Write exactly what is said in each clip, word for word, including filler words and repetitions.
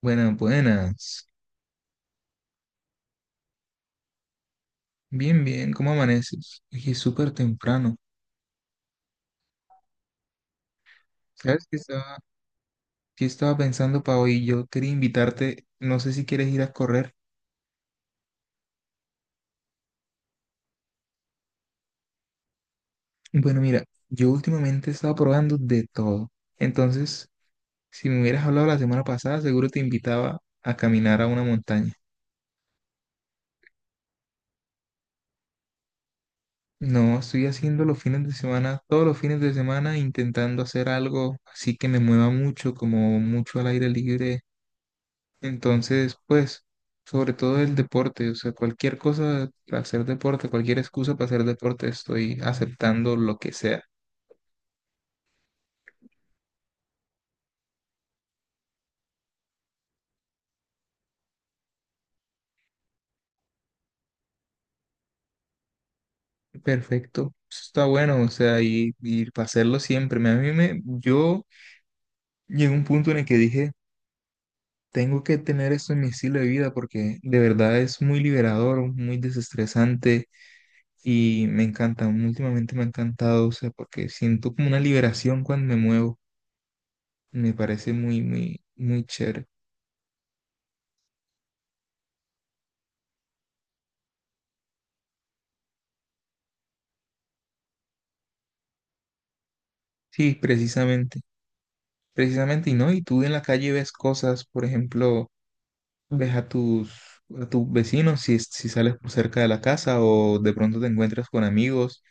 Buenas, buenas. Bien, bien, ¿cómo amaneces? Aquí es súper temprano. ¿Sabes qué estaba, qué estaba pensando para hoy? Yo quería invitarte, no sé si quieres ir a correr. Bueno, mira, yo últimamente he estado probando de todo. Entonces, si me hubieras hablado la semana pasada, seguro te invitaba a caminar a una montaña. No, estoy haciendo los fines de semana, todos los fines de semana, intentando hacer algo así que me mueva mucho, como mucho al aire libre. Entonces, pues, sobre todo el deporte, o sea, cualquier cosa para hacer deporte, cualquier excusa para hacer deporte, estoy aceptando lo que sea. Perfecto. Eso Está bueno, o sea, y, y para hacerlo siempre. Me- A mí me, yo llegué a un punto en el que dije, tengo que tener esto en mi estilo de vida porque de verdad es muy liberador, muy desestresante y me encanta, últimamente me ha encantado, o sea, porque siento como una liberación cuando me muevo. Me parece muy, muy, muy chévere. Sí, precisamente. Precisamente, y no, y tú en la calle ves cosas, por ejemplo, ves a tus, a tus vecinos si, si sales por cerca de la casa o de pronto te encuentras con amigos,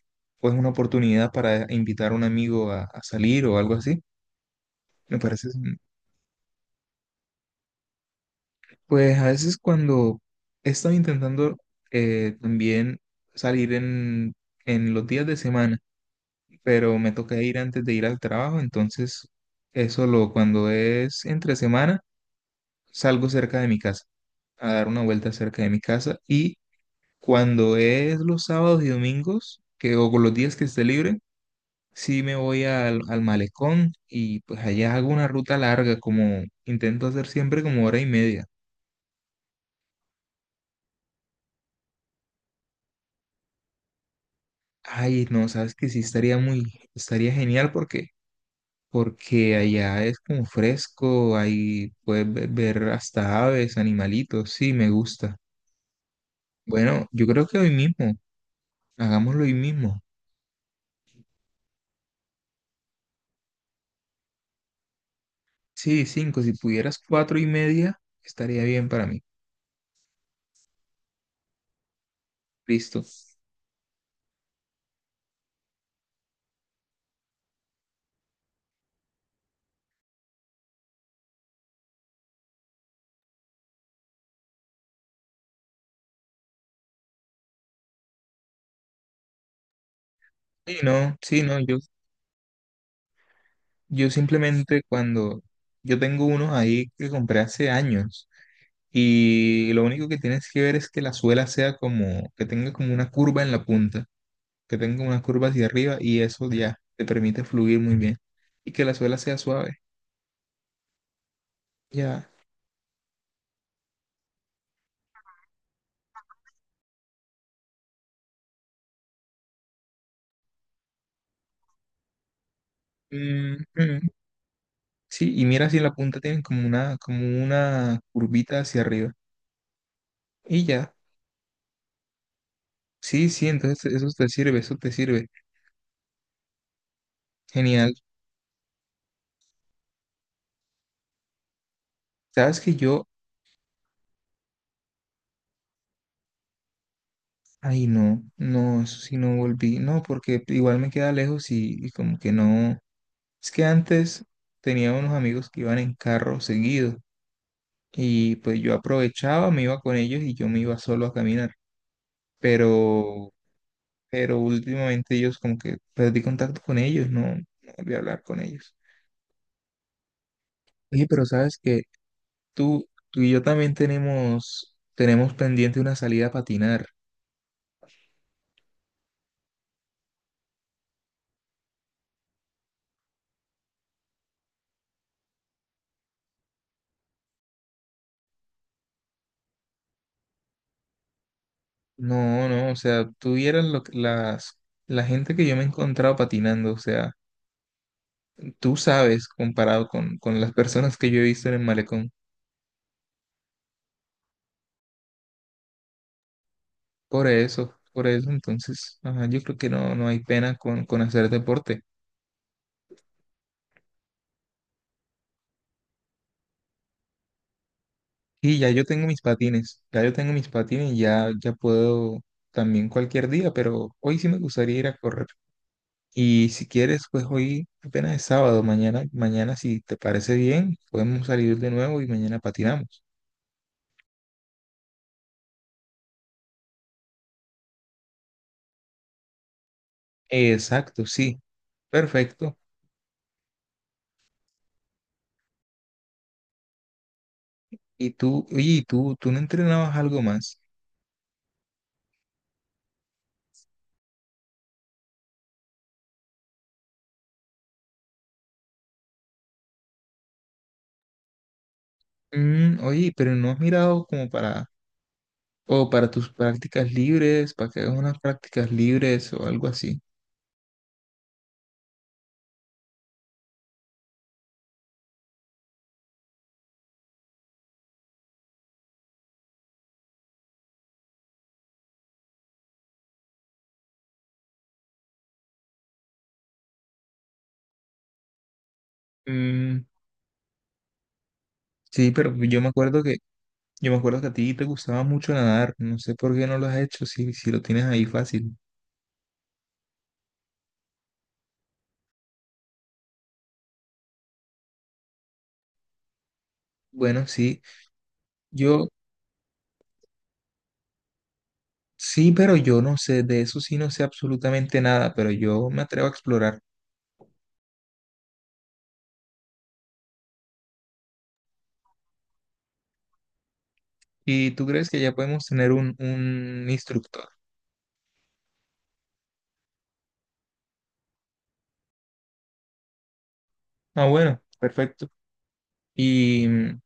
o es una oportunidad para invitar a un amigo a, a salir o algo así. Me parece, sen- pues a veces cuando he estado intentando eh, también salir en, en los días de semana, pero me toca ir antes de ir al trabajo, entonces eso lo cuando es entre semana, salgo cerca de mi casa, a dar una vuelta cerca de mi casa y cuando es los sábados y domingos, que o con los días que esté libre, sí me voy al, al malecón y pues allá hago una ruta larga, como intento hacer siempre como hora y media. Ay, no, sabes que sí estaría muy, estaría genial porque porque allá es como fresco, ahí puedes ve- ver hasta aves, animalitos, sí, me gusta. Bueno, yo creo que hoy mismo, hagámoslo hoy mismo. Sí, cinco. Si pudieras cuatro y media, estaría bien para mí. Listo. Sí, no, sí, no. Yo, yo simplemente cuando yo tengo unos ahí que compré hace años y lo único que tienes que ver es que la suela sea como, que tenga como una curva en la punta, que tenga una curva hacia arriba y eso ya te permite fluir muy bien y que la suela sea suave. Ya. Mm, mm. Sí, y mira si en la punta tienen como una, como una curvita hacia arriba y ya. Sí, sí, entonces eso te sirve, eso te sirve. Genial. Sabes que yo, ay no, no, eso sí no volví, no, porque igual me queda lejos y, y como que no. Es que antes tenía unos amigos que iban en carro seguido y pues yo aprovechaba, me iba con ellos y yo me iba solo a caminar, pero, pero últimamente ellos como que perdí contacto con ellos, no, no volví a hablar con ellos. Oye, pero sabes que tú, tú y yo también tenemos, tenemos pendiente una salida a patinar. No, no, o sea, tú vieras lo, que- las, la gente que yo me he encontrado patinando, o sea, tú sabes comparado con, con las personas que yo he visto en el malecón. Por eso, por eso, entonces, ajá, yo creo que no, no hay pena con, con hacer deporte. Y ya yo tengo mis patines, ya yo tengo mis patines, ya, ya puedo también cualquier día, pero hoy sí me gustaría ir a correr. Y si quieres, pues hoy apenas es sábado, mañana, mañana si te parece bien, podemos salir de nuevo y mañana patinamos. Exacto, sí. Perfecto. Y tú, oye, ¿y tú, tú no entrenabas algo más? Mm, oye, pero no has mirado como para, o para tus prácticas libres, para que hagas unas prácticas libres o algo así. Mm, sí, pero yo me acuerdo que, yo me acuerdo que a ti te gustaba mucho nadar. No sé por qué no lo has hecho, si, si lo tienes ahí fácil. Bueno, sí, yo, sí, pero yo no sé, de eso sí no sé absolutamente nada, pero yo me atrevo a explorar. ¿Y tú crees que ya podemos tener un, un instructor? Ah, bueno, perfecto. Y mm,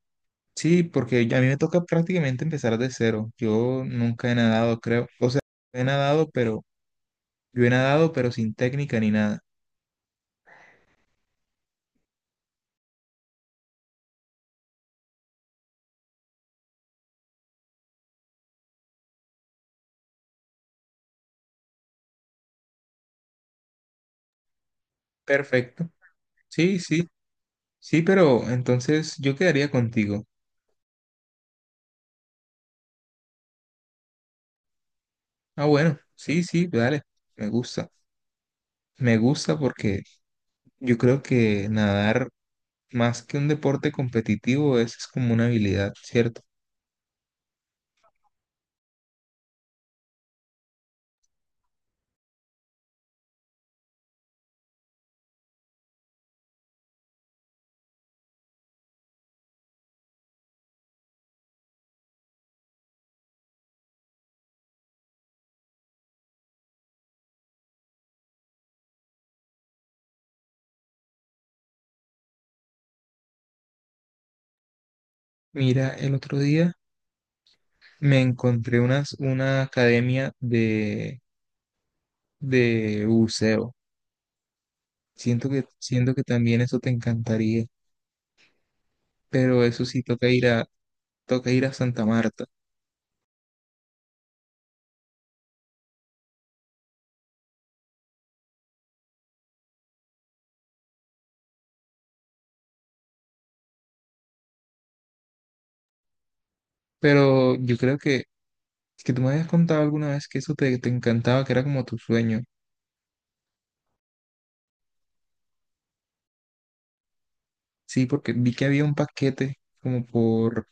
sí, porque ya a mí me toca prácticamente empezar de cero. Yo nunca he nadado, creo. O sea, he nadado, pero yo he nadado, pero sin técnica ni nada. Perfecto. Sí, sí, sí, pero entonces yo quedaría contigo. Ah, bueno, sí, sí, dale. Me gusta. Me gusta porque yo creo que nadar más que un deporte competitivo es, es como una habilidad, ¿cierto? Mira, el otro día me encontré unas, una academia de, de buceo. Siento que, siento que también eso te encantaría, pero eso sí toca ir a, toca ir a Santa Marta. Pero yo creo que, que tú me habías contado alguna vez que eso te, te encantaba, que era como tu sueño. Sí, porque vi que había un paquete como por,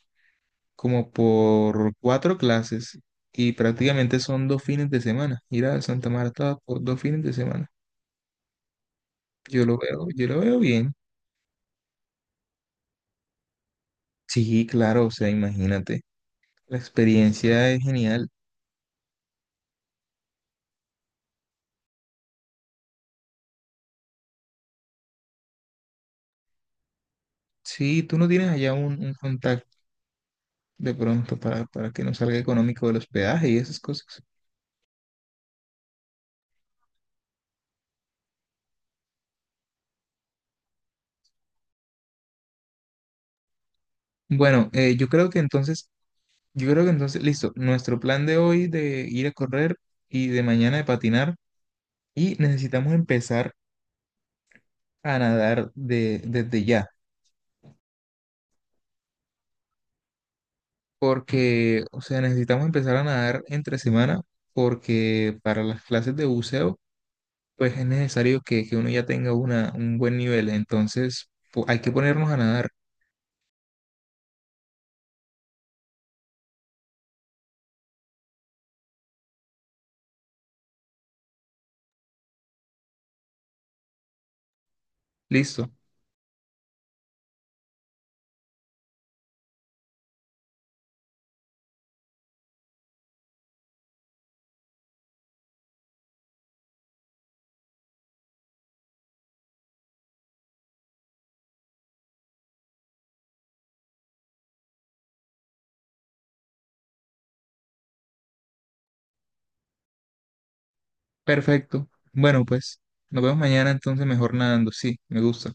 como por cuatro clases y prácticamente son dos fines de semana. Ir a Santa Marta por dos fines de semana. Yo lo veo, yo lo veo bien. Sí, claro, o sea, imagínate. La experiencia es genial. Sí, tú no tienes allá un, un contacto de pronto para, para que no salga económico el hospedaje y esas cosas. Bueno, eh, yo creo que entonces, yo creo que entonces, listo, nuestro plan de hoy de ir a correr y de mañana de patinar y necesitamos empezar a nadar de, desde ya, porque, o sea, necesitamos empezar a nadar entre semana porque para las clases de buceo, pues es necesario que, que uno ya tenga una, un buen nivel, entonces po- hay que ponernos a nadar, listo. Perfecto. Bueno, pues nos vemos mañana entonces mejor nadando. Sí, me gusta.